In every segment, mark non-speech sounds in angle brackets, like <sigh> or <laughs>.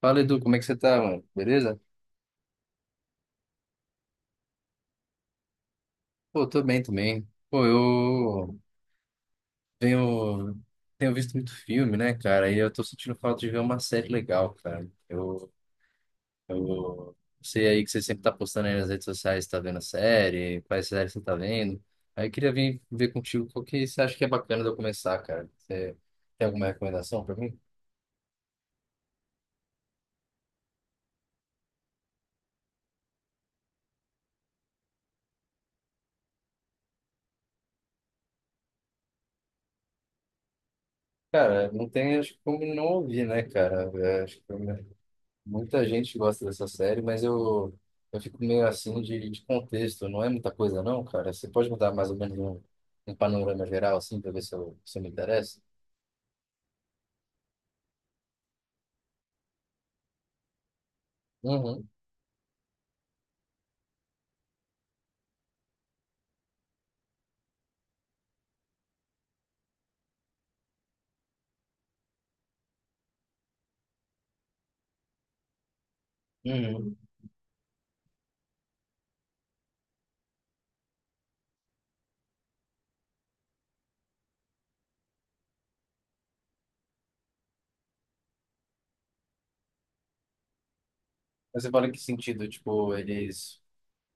Fala, Edu, como é que você tá, mano? Beleza? Pô, tô bem também. Pô, eu tenho, tenho visto muito filme, né, cara? E eu tô sentindo falta de ver uma série legal, cara. Eu sei aí que você sempre tá postando aí nas redes sociais, tá vendo série, quais séries você tá vendo. Aí eu queria vir ver contigo qual que você acha que é bacana de eu começar, cara. Você tem alguma recomendação pra mim? Cara, não tem, acho que como não ouvir, né, cara? Eu acho que muita gente gosta dessa série, mas eu fico meio assim de contexto. Não é muita coisa, não, cara. Você pode me dar mais ou menos um panorama geral, assim, pra ver se eu me interesso? Uhum. Uhum. Mas você fala em que sentido? Tipo,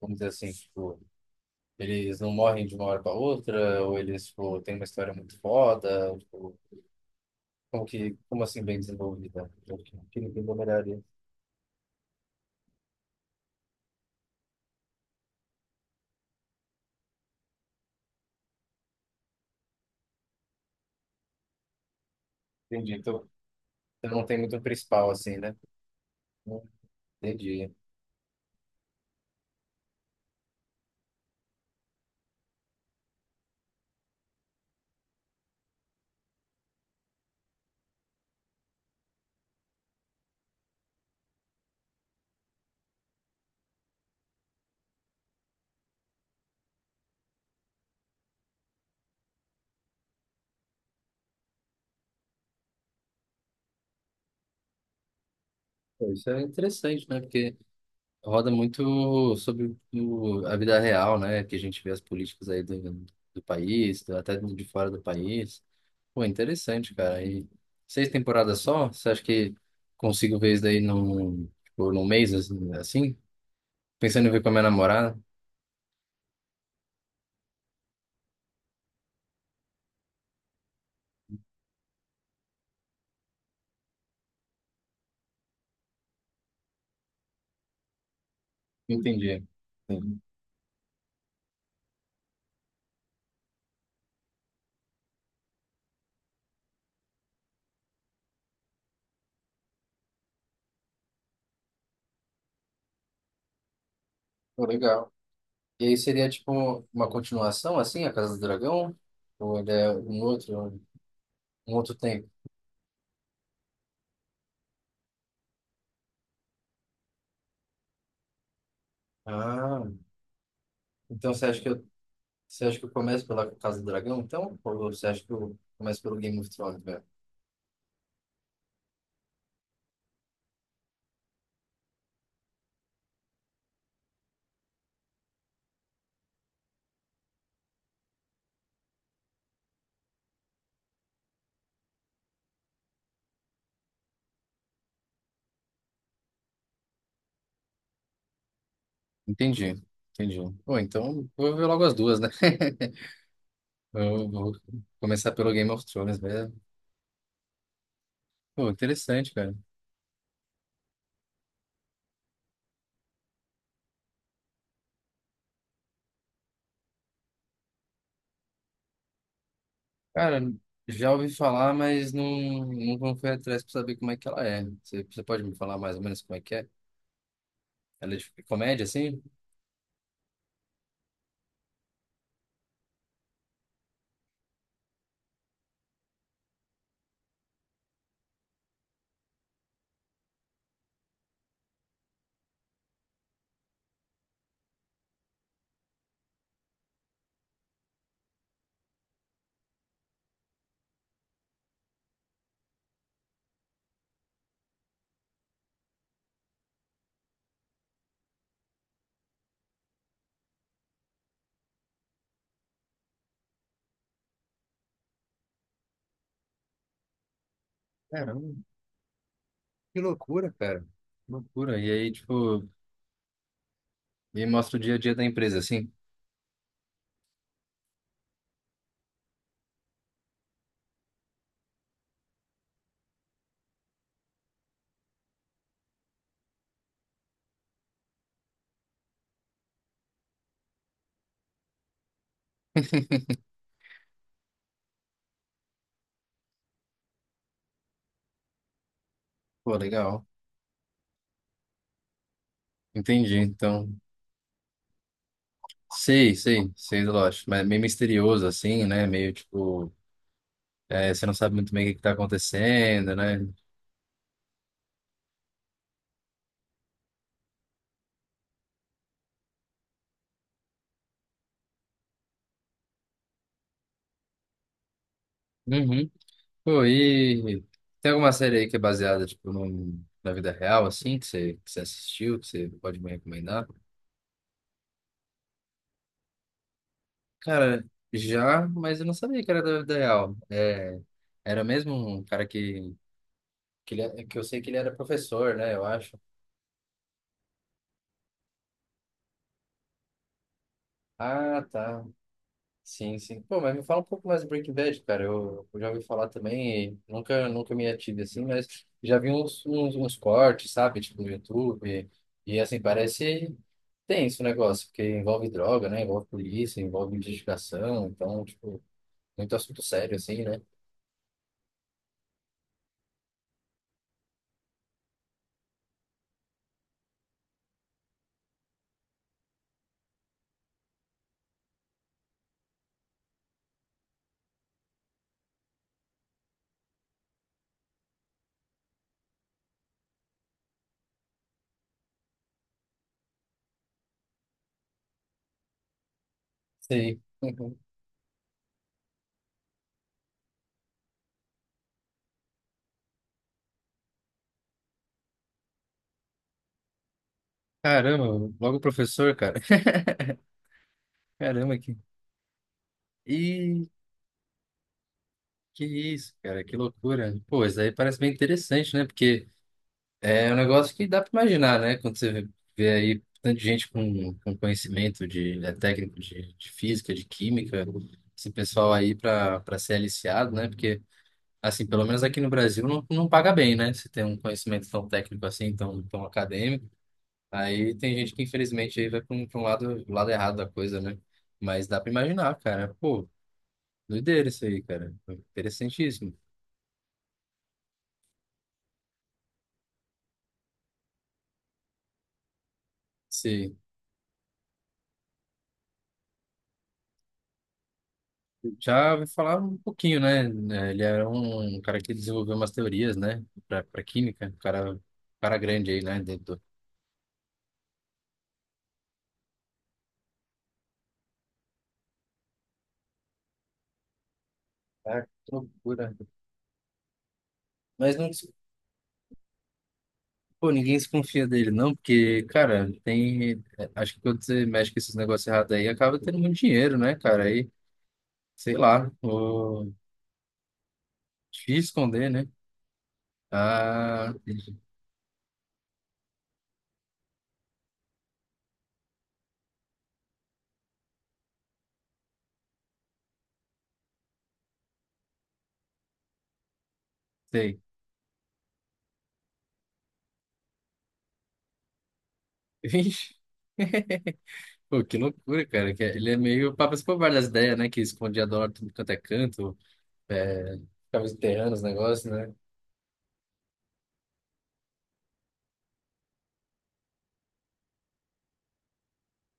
vamos dizer assim, tipo, eles não morrem de uma hora para outra, ou eles, tipo, têm uma história muito foda, ou, tipo, como assim bem desenvolvida? Eu queria entender melhor isso. Entendi. Então não tem muito um principal, assim, né? Entendi. Pô, isso é interessante, né? Porque roda muito sobre o- a vida real, né? Que a gente vê as políticas aí do, do país, do- até de fora do país. Pô, interessante, cara. E seis temporadas só? Você acha que consigo ver isso daí num, tipo, num mês, assim? Pensando em ver com a minha namorada? Entendi. Sim. Pô, legal. E aí seria, tipo, uma continuação, assim, A Casa do Dragão? Ou ele é um outro tempo? Ah, então você acha que eu começo pela Casa do Dragão, então? Ou você acha que eu começo pelo Game of Thrones, velho? Entendi, entendi. Bom, então vou ver logo as duas, né? <laughs> Eu vou começar pelo Game of Thrones, velho. Pô, interessante, cara. Cara, já ouvi falar, mas não fui atrás pra saber como é que ela é. Você pode me falar mais ou menos como é que é? Ela é de comédia, assim? Caramba, que loucura, cara. Loucura. E aí, tipo, me mostra o dia a dia da empresa, assim? Pô, legal. Entendi, então. Sei, sei, sei do Lost, mas meio misterioso assim, né? Meio tipo, é, você não sabe muito bem o que que tá acontecendo, né? Uhum. Pô, e tem alguma série aí que é baseada tipo num- na vida real assim, que você assistiu, que você pode me recomendar? Cara, já, mas eu não sabia que era da vida real. É, era mesmo um cara que eu sei que ele era professor, né? Eu acho. Ah, tá. Sim, sim. Pô, mas me fala um pouco mais do Breaking Bad, cara. Eu já ouvi falar também, e nunca me ative assim, mas já vi uns cortes, sabe? Tipo, no YouTube. E assim, parece tenso o negócio, porque envolve droga, né? Envolve polícia, envolve investigação. Então, tipo, muito assunto sério, assim, né? Sei. <laughs> Caramba, logo professor, cara. <laughs> Caramba, que. Ih, que isso, cara, que loucura. Pô, isso aí parece bem interessante, né? Porque. É um negócio que dá para imaginar, né? Quando você vê aí tanta gente com conhecimento de, né, técnico de física, de química, esse pessoal aí para ser aliciado, né? Porque, assim, pelo menos aqui no Brasil não paga bem, né? Se tem um conhecimento tão técnico assim, tão acadêmico, aí tem gente que infelizmente aí vai para um, pra um lado, lado errado da coisa, né? Mas dá para imaginar, cara. Pô, doideira isso aí, cara. Interessantíssimo. Sim. Já ouvi falar um pouquinho, né? Ele era um cara que desenvolveu umas teorias, né? Para química, um cara, cara grande aí, né? Dentro do... Ah, que loucura. Mas não, des- ninguém se confia dele, não, porque, cara, tem. Acho que quando você mexe com esses negócios errados aí, acaba tendo muito dinheiro, né, cara? Aí, sei lá, o... difícil esconder, né? Ah, sei. <laughs> Vixe, pô, que loucura, cara. Ele é meio papas por várias ideias, né? Que escondia dólar tudo quanto é canto. É, ficava enterrando os negócios, né?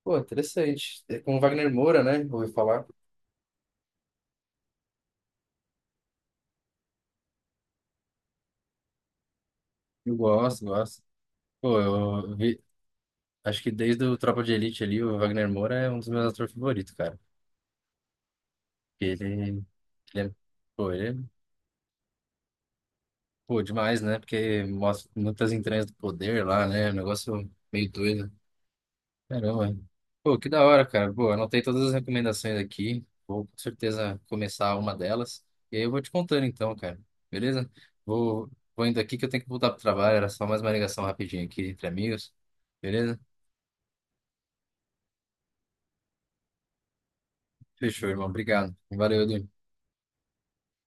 Pô, interessante. É com o Wagner Moura, né? Ouvi falar. Eu gosto, gosto. Pô, eu vi. Acho que desde o Tropa de Elite ali, o Wagner Moura é um dos meus atores favoritos, cara. Porque Ele, ele é, ele é, pô, demais, né? Porque mostra muitas entranhas do poder lá, né? É um negócio meio doido. Caramba. Pô, que da hora, cara. Pô, anotei todas as recomendações aqui. Vou com certeza começar uma delas. E aí eu vou te contando então, cara. Beleza? Vou, vou indo aqui que eu tenho que voltar pro trabalho. Era só mais uma ligação rapidinha aqui entre amigos. Beleza? Fechou, irmão. Obrigado. Valeu, Edu.